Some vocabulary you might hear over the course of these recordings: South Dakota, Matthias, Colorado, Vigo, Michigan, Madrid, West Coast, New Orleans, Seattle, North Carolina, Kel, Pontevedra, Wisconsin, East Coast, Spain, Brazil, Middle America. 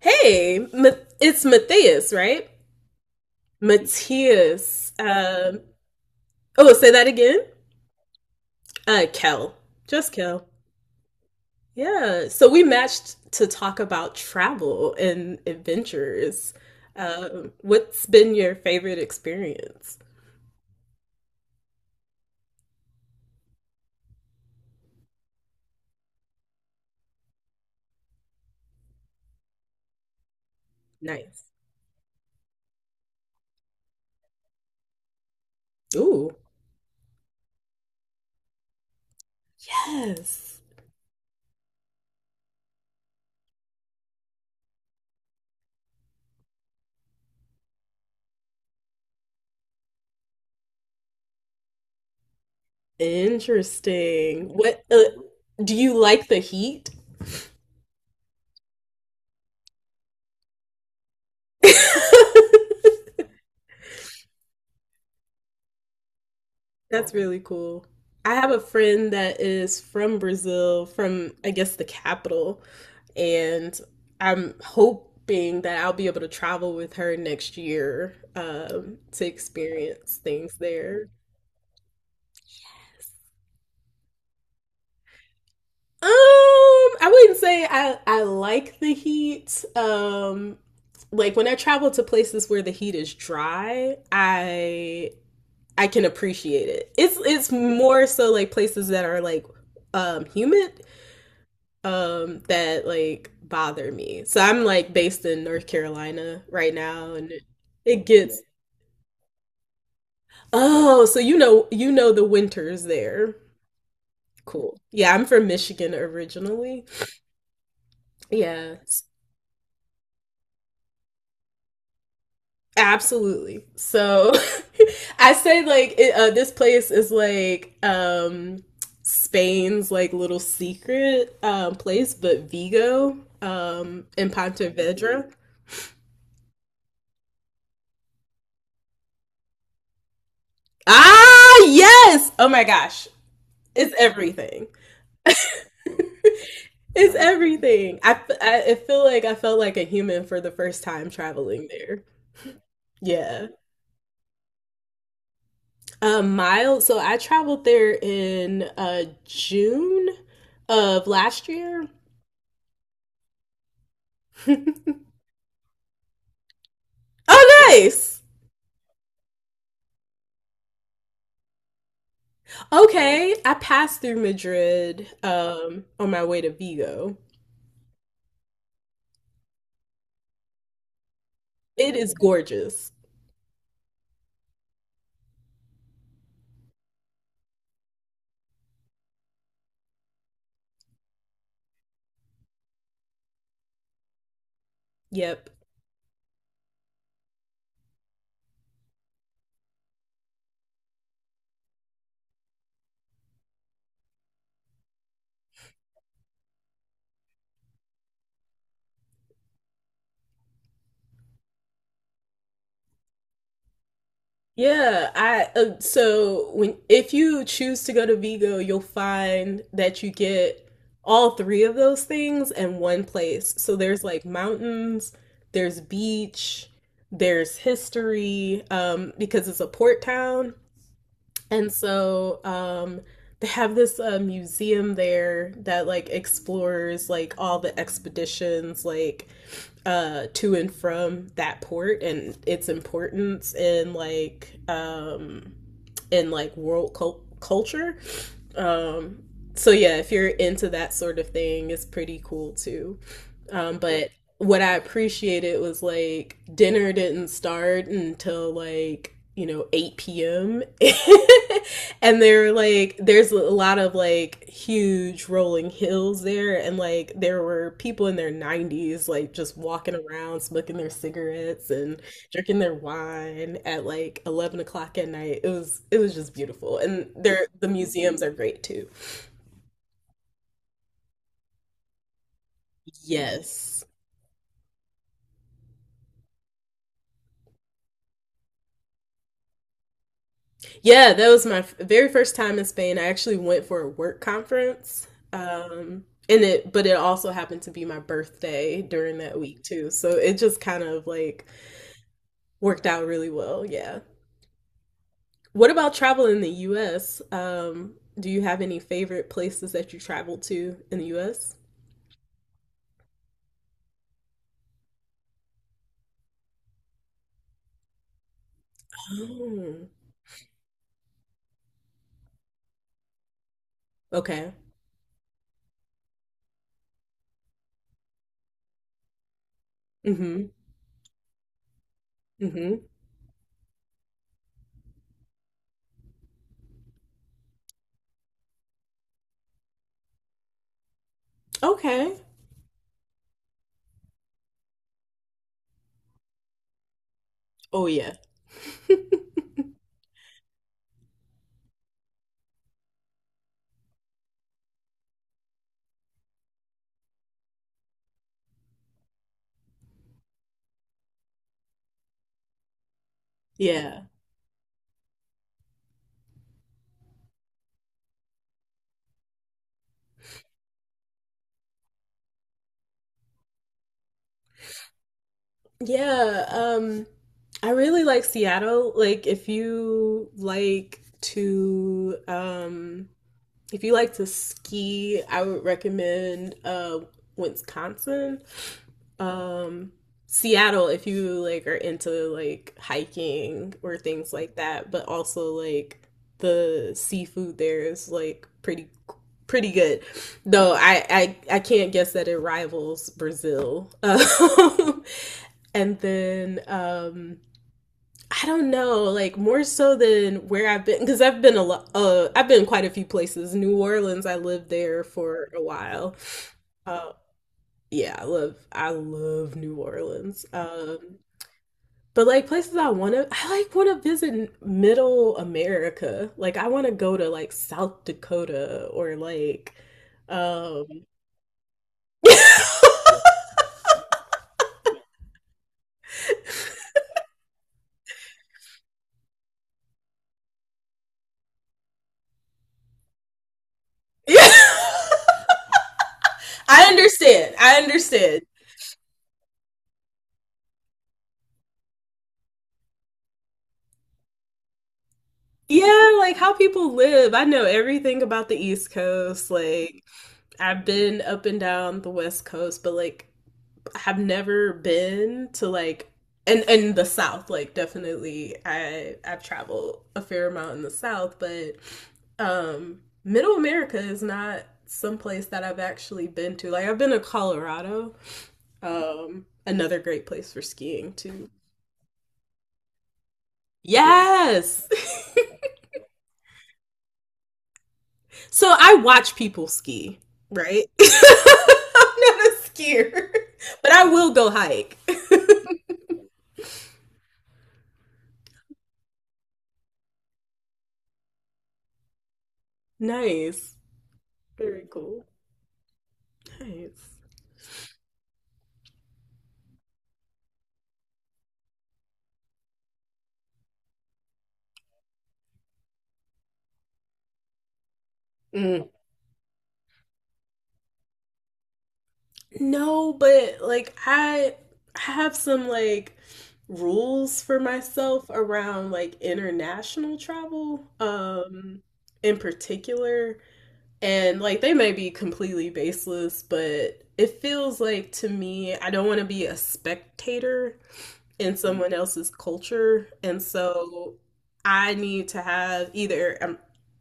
Hey, Ma- it's Matthias, right? Matthias. Oh, say that again. Kel. Just Kel. Yeah. So we matched to talk about travel and adventures. What's been your favorite experience? Nice. Ooh. Yes. Interesting. What do you like the heat? That's really cool. I have a friend that is from Brazil, from I guess the capital, and I'm hoping that I'll be able to travel with her next year to experience things there. Um, I wouldn't say I like the heat. Like when I travel to places where the heat is dry, I can appreciate it. It's more so like places that are like humid, that like bother me. So I'm like based in North Carolina right now and it gets, oh, so you know the winters there. Cool. Yeah, I'm from Michigan originally. Yeah. Absolutely. So I say like it, this place is like Spain's like little secret place, but Vigo in Pontevedra. Ah, yes. Oh my gosh. It's everything. It's everything. I feel like I felt like a human for the first time traveling there. Yeah. Miles. So I traveled there in June of last year. Oh, nice. Okay, I passed through Madrid on my way to Vigo. It is gorgeous. Yep. Yeah, I so when if you choose to go to Vigo, you'll find that you get all three of those things in one place. So there's like mountains, there's beach, there's history, because it's a port town. And so they have this museum there that like explores like all the expeditions like to and from that port and its importance in like world culture um, so yeah, if you're into that sort of thing, it's pretty cool too. But what I appreciated was like dinner didn't start until like you know 8 p.m. And they're like there's a lot of like huge rolling hills there and like there were people in their 90s like just walking around smoking their cigarettes and drinking their wine at like 11 o'clock at night. It was just beautiful. And their the museums are great too. Yes. Yeah, that was my very first time in Spain. I actually went for a work conference. And it but it also happened to be my birthday during that week too. So it just kind of like worked out really well. Yeah. What about travel in the US? Do you have any favorite places that you traveled to in the US? Oh, okay. Mm-hmm. Mm-hmm. Okay. Oh yeah. Yeah. Yeah. I really like Seattle. Like if you like to if you like to ski, I would recommend Wisconsin. Um, Seattle, if you like are into like hiking or things like that, but also like the seafood there is like pretty good. Though I can't guess that it rivals Brazil. And then I don't know, like more so than where I've been because I've been a lot. I've been quite a few places. New Orleans, I lived there for a while. Uh, yeah, I love New Orleans. But like places I like want to visit Middle America. Like I want to go to like South Dakota or like, um, yeah. I understand. I understand. Yeah, like how people live. I know everything about the East Coast. Like I've been up and down the West Coast, but like have never been to like and the South. Like definitely, I've traveled a fair amount in the South, but Middle America is not someplace that I've actually been to. Like I've been to Colorado, another great place for skiing too. Yes. So I watch people ski, right? I'm not a skier, but I will go hike. Nice. Very cool. Nice. Mm. No, but like I have some like rules for myself around like international travel in particular and like they may be completely baseless but it feels like to me I don't want to be a spectator in someone else's culture. And so I need to have either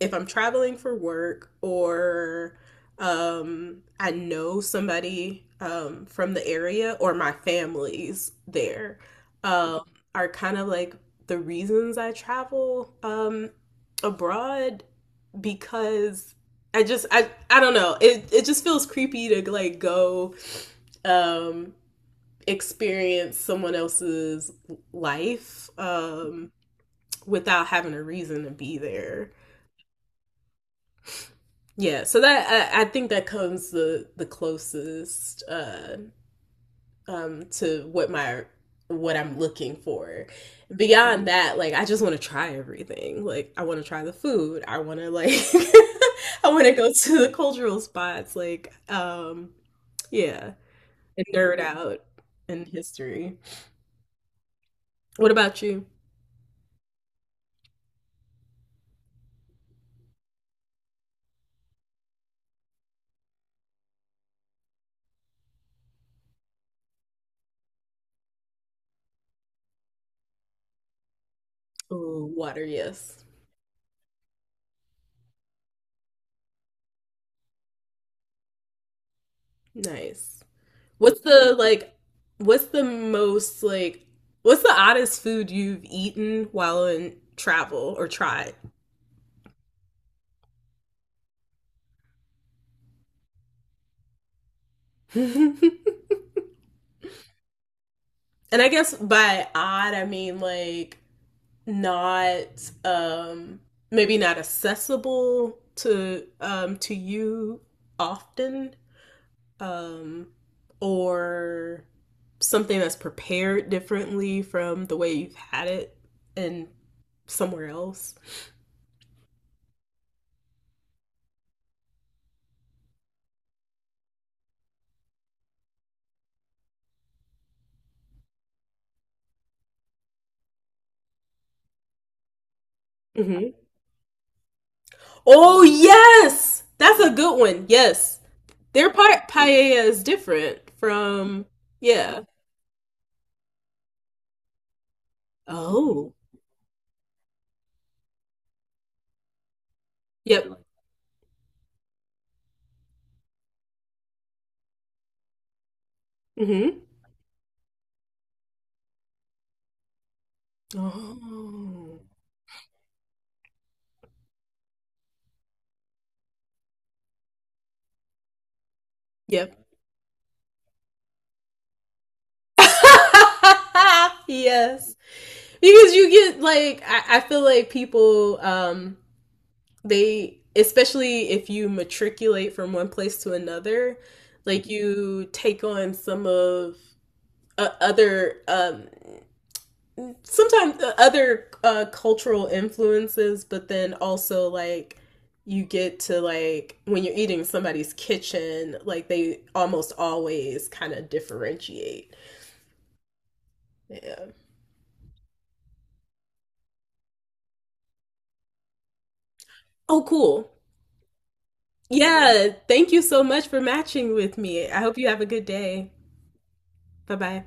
if I'm traveling for work or I know somebody from the area or my family's there um, are kind of like the reasons I travel abroad because I just I don't know it just feels creepy to like go um experience someone else's life without having a reason to be there. Yeah, so that I think that comes the closest to what my what I'm looking for. Beyond that, like I just want to try everything. Like I want to try the food. I want to like I want to go to the cultural spots. Like yeah, and nerd out in history. What about you? Ooh, water, yes. Nice. What's the like what's the most like what's the oddest food you've eaten while in travel or tried? And I guess by odd I mean like not um maybe not accessible to you often um or something that's prepared differently from the way you've had it in somewhere else. Mhm. Oh yes, that's a good one. Yes, their paella is different from yeah. Oh, yep. Mm-hmm. Oh, yep. Yes, because you get like I feel like people they especially if you matriculate from one place to another, like you take on some of other sometimes other cultural influences, but then also like you get to like when you're eating somebody's kitchen, like they almost always kind of differentiate. Yeah. Oh, cool. Yeah. Thank you so much for matching with me. I hope you have a good day. Bye bye.